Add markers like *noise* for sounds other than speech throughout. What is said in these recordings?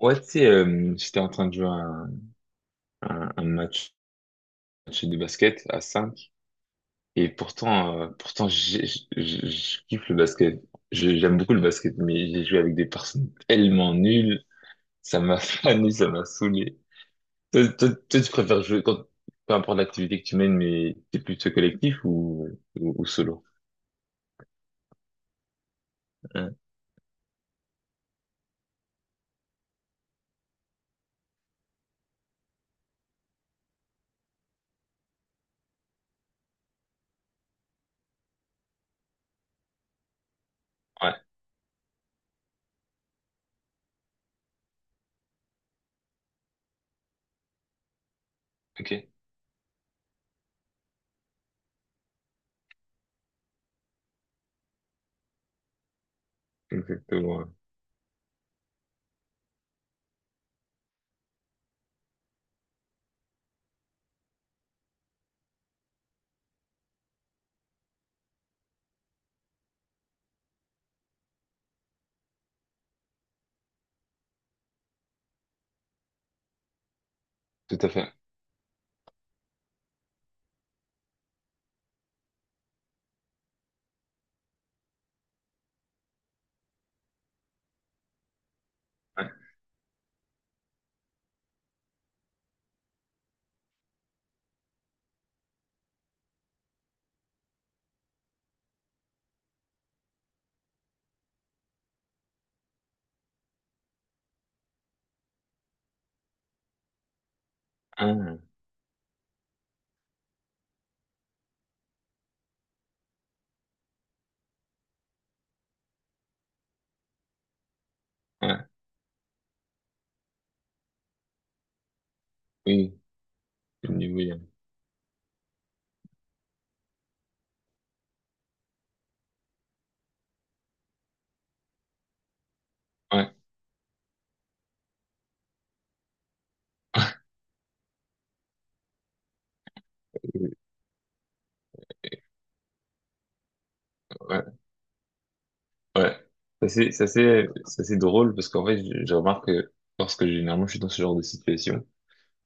Ouais, tu sais, j'étais en train de jouer à un match de basket à 5 et pourtant, pourtant je kiffe le basket. J'aime beaucoup le basket, mais j'ai joué avec des personnes tellement nulles, ça m'a *laughs* fané, ça m'a saoulé. Toi, tu préfères jouer, quand, peu importe l'activité que tu mènes, mais t'es plutôt collectif ou solo? Ouais, ok, exactement, ouais. Tout à fait. Ouais, ah, ouais, oui, le niveau, il y a- ouais. *laughs* Ouais, ça c'est drôle parce qu'en fait je remarque que lorsque généralement je suis dans ce genre de situation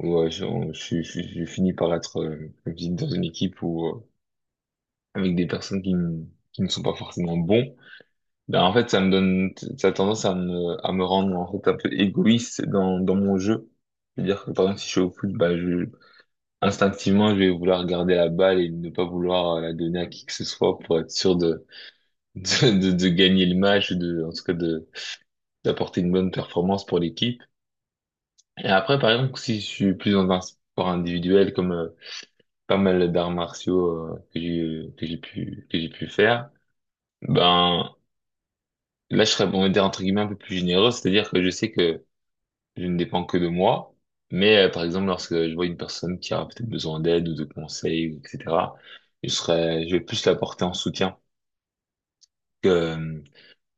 où je, on- je, suis- je finis par être comme je dis, dans une équipe où avec des personnes qui ne sont pas forcément bons, ben en fait ça a tendance à me rendre en fait un peu égoïste dans mon jeu. C'est-à-dire que par exemple si je suis au foot, bah je instinctivement je vais vouloir garder la balle et ne pas vouloir la donner à qui que ce soit pour être sûr de *laughs* de gagner le match, ou de en tout cas de d'apporter une bonne performance pour l'équipe. Et après, par exemple, si je suis plus dans un sport individuel, comme pas mal d'arts martiaux que j'ai pu faire, ben là, je serais, on va dire entre guillemets un peu plus généreux, c'est-à-dire que je sais que je ne dépends que de moi. Mais par exemple, lorsque je vois une personne qui a peut-être besoin d'aide ou de conseils, etc., je vais plus la porter en soutien que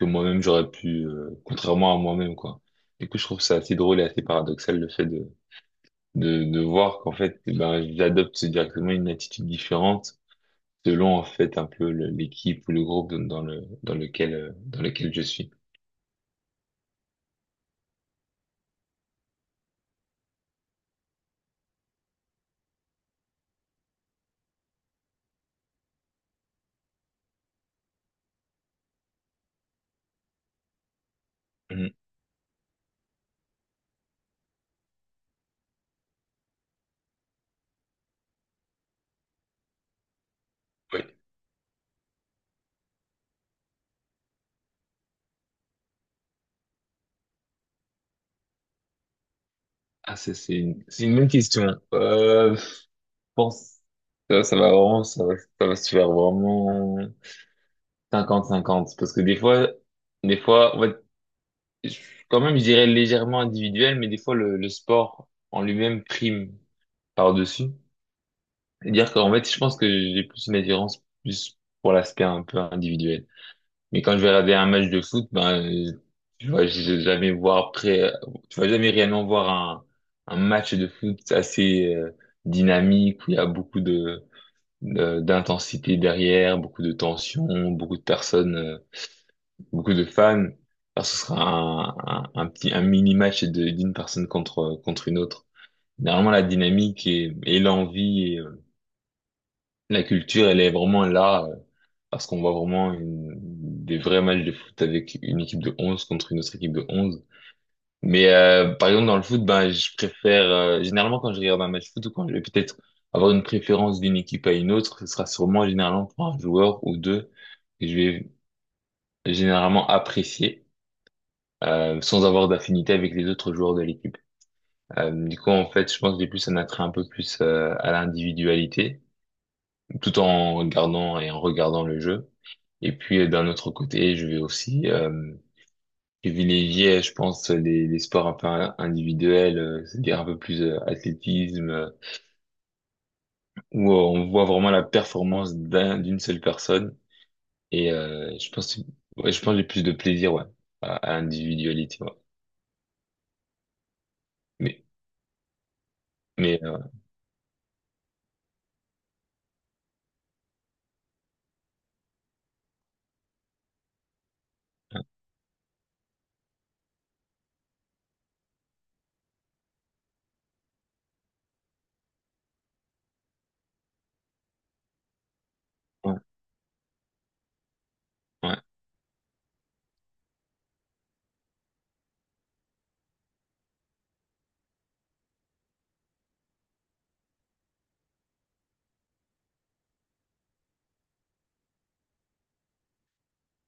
que moi-même j'aurais pu, contrairement à moi-même, quoi. Du coup, je trouve ça assez drôle et assez paradoxal le fait de voir qu'en fait, eh ben, j'adopte directement une attitude différente selon en fait un peu l'équipe ou le groupe dans le dans lequel dans lequel je suis. Mhm. Ouais. Ah, ça, c'est c'est une bonne question. Je pense que ça va se faire vraiment cinquante cinquante parce que des fois en fait, je- quand même je dirais légèrement individuel mais des fois le sport en lui-même prime par-dessus. Dire qu'en fait, je pense que j'ai plus une attirance plus pour l'aspect un peu individuel. Mais quand je vais regarder un match de foot, ben, tu vois, je vais jamais voir près, tu vas jamais réellement voir un match de foot assez dynamique où il y a beaucoup d'intensité derrière, beaucoup de tension, beaucoup de personnes, beaucoup de fans. Alors, ce sera un mini match d'une personne contre une autre. Normalement, la dynamique et l'envie. La culture, elle est vraiment là, parce qu'on voit vraiment des vrais matchs de foot avec une équipe de 11 contre une autre équipe de 11. Mais par exemple, dans le foot, ben, je préfère, généralement quand je regarde un match de foot ou quand je vais peut-être avoir une préférence d'une équipe à une autre, ce sera sûrement généralement pour un joueur ou deux que je vais généralement apprécier, sans avoir d'affinité avec les autres joueurs de l'équipe. Du coup, en fait, je pense que j'ai plus un attrait un peu plus à l'individualité tout en regardant le jeu. Et puis d'un autre côté, je vais aussi privilégier, je pense, les sports un peu individuels, c'est-à-dire un peu plus athlétisme, où on voit vraiment la performance d'une seule personne. Et je pense, ouais, je pense que j'ai plus de plaisir, ouais, à l'individualité, ouais. Mais, mais ouais, ouais,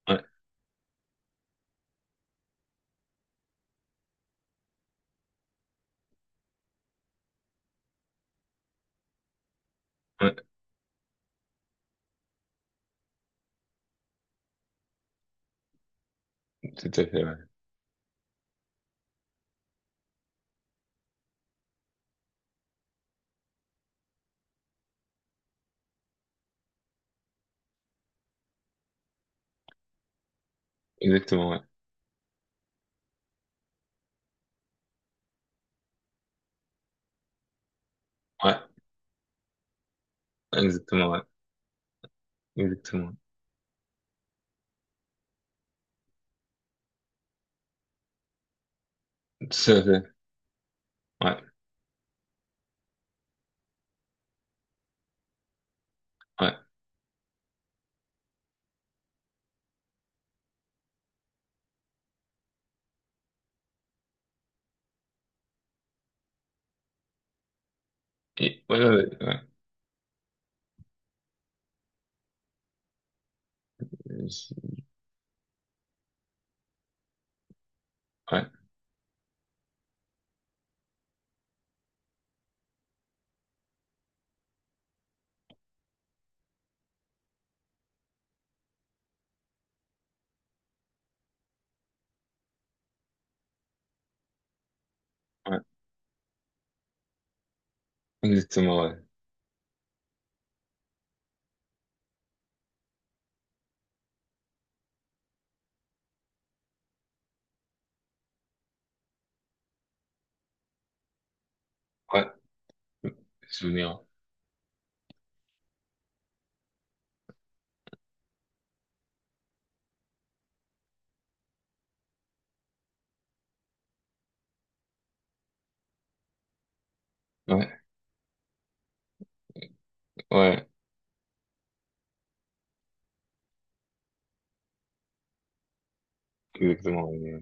ouais, ouais, tout à fait, ouais. Exactement, ouais, ouais, ouais, exactement, tout à fait, ouais, ouais. Et ouais, ouais, ouais. Je- ouais, ouais, exactement, ouais. Ouais, souvenir. Ouais, ouais, exactement. Ouais. Ouais.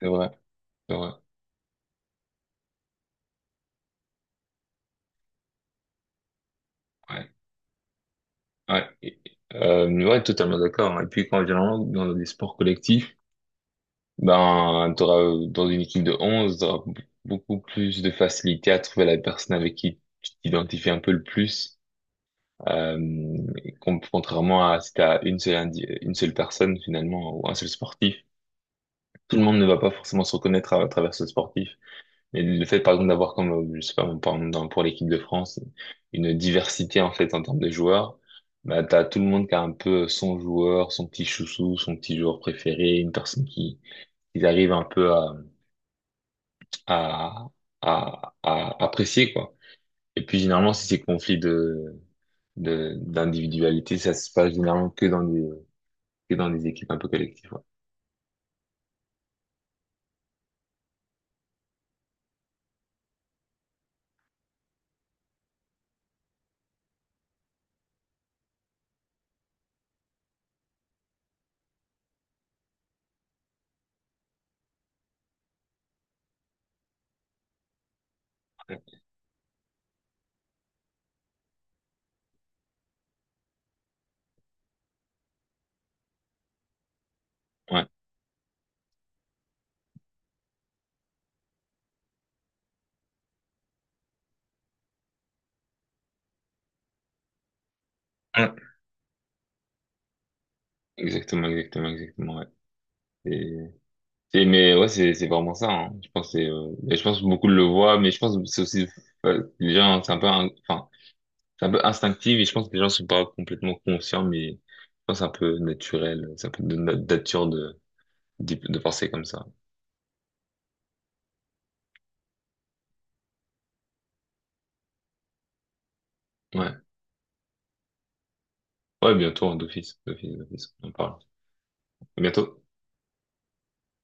C'est vrai, c'est vrai. Ouais, ouais. Et- ouais, totalement d'accord, hein. Et puis quand généralement, dans des sports collectifs, ben, t'auras, dans une équipe de 11 t'auras beaucoup plus de facilité à trouver la personne avec qui tu t'identifies un peu le plus. Euh, et contrairement à si t'as une seule personne finalement, ou un seul sportif, tout le monde ne va pas forcément se reconnaître à travers ce sportif. Mais le fait, par exemple, d'avoir comme, je sais pas, par exemple, pour l'équipe de France, une diversité, en fait, en termes de joueurs, bah, t'as tout le monde qui a un peu son joueur, son petit chouchou, son petit joueur préféré, une personne qui arrive un peu à, à apprécier, quoi. Et puis, généralement, si c'est conflit d'individualité, ça se passe généralement que dans des équipes un peu collectives, ouais. Ouais. Ouais. Exactement, ouais. Mais ouais, c'est vraiment ça, hein. Je pense que c'est, mais je pense que beaucoup le voient, mais je pense que c'est aussi les gens, c'est un peu, un- enfin, c'est un peu instinctif et je pense que les gens sont pas complètement conscients, mais je pense que c'est un peu naturel, c'est un peu de notre nature de penser comme ça. Ouais, ouais, bientôt hein, d'office. On en parle. À bientôt.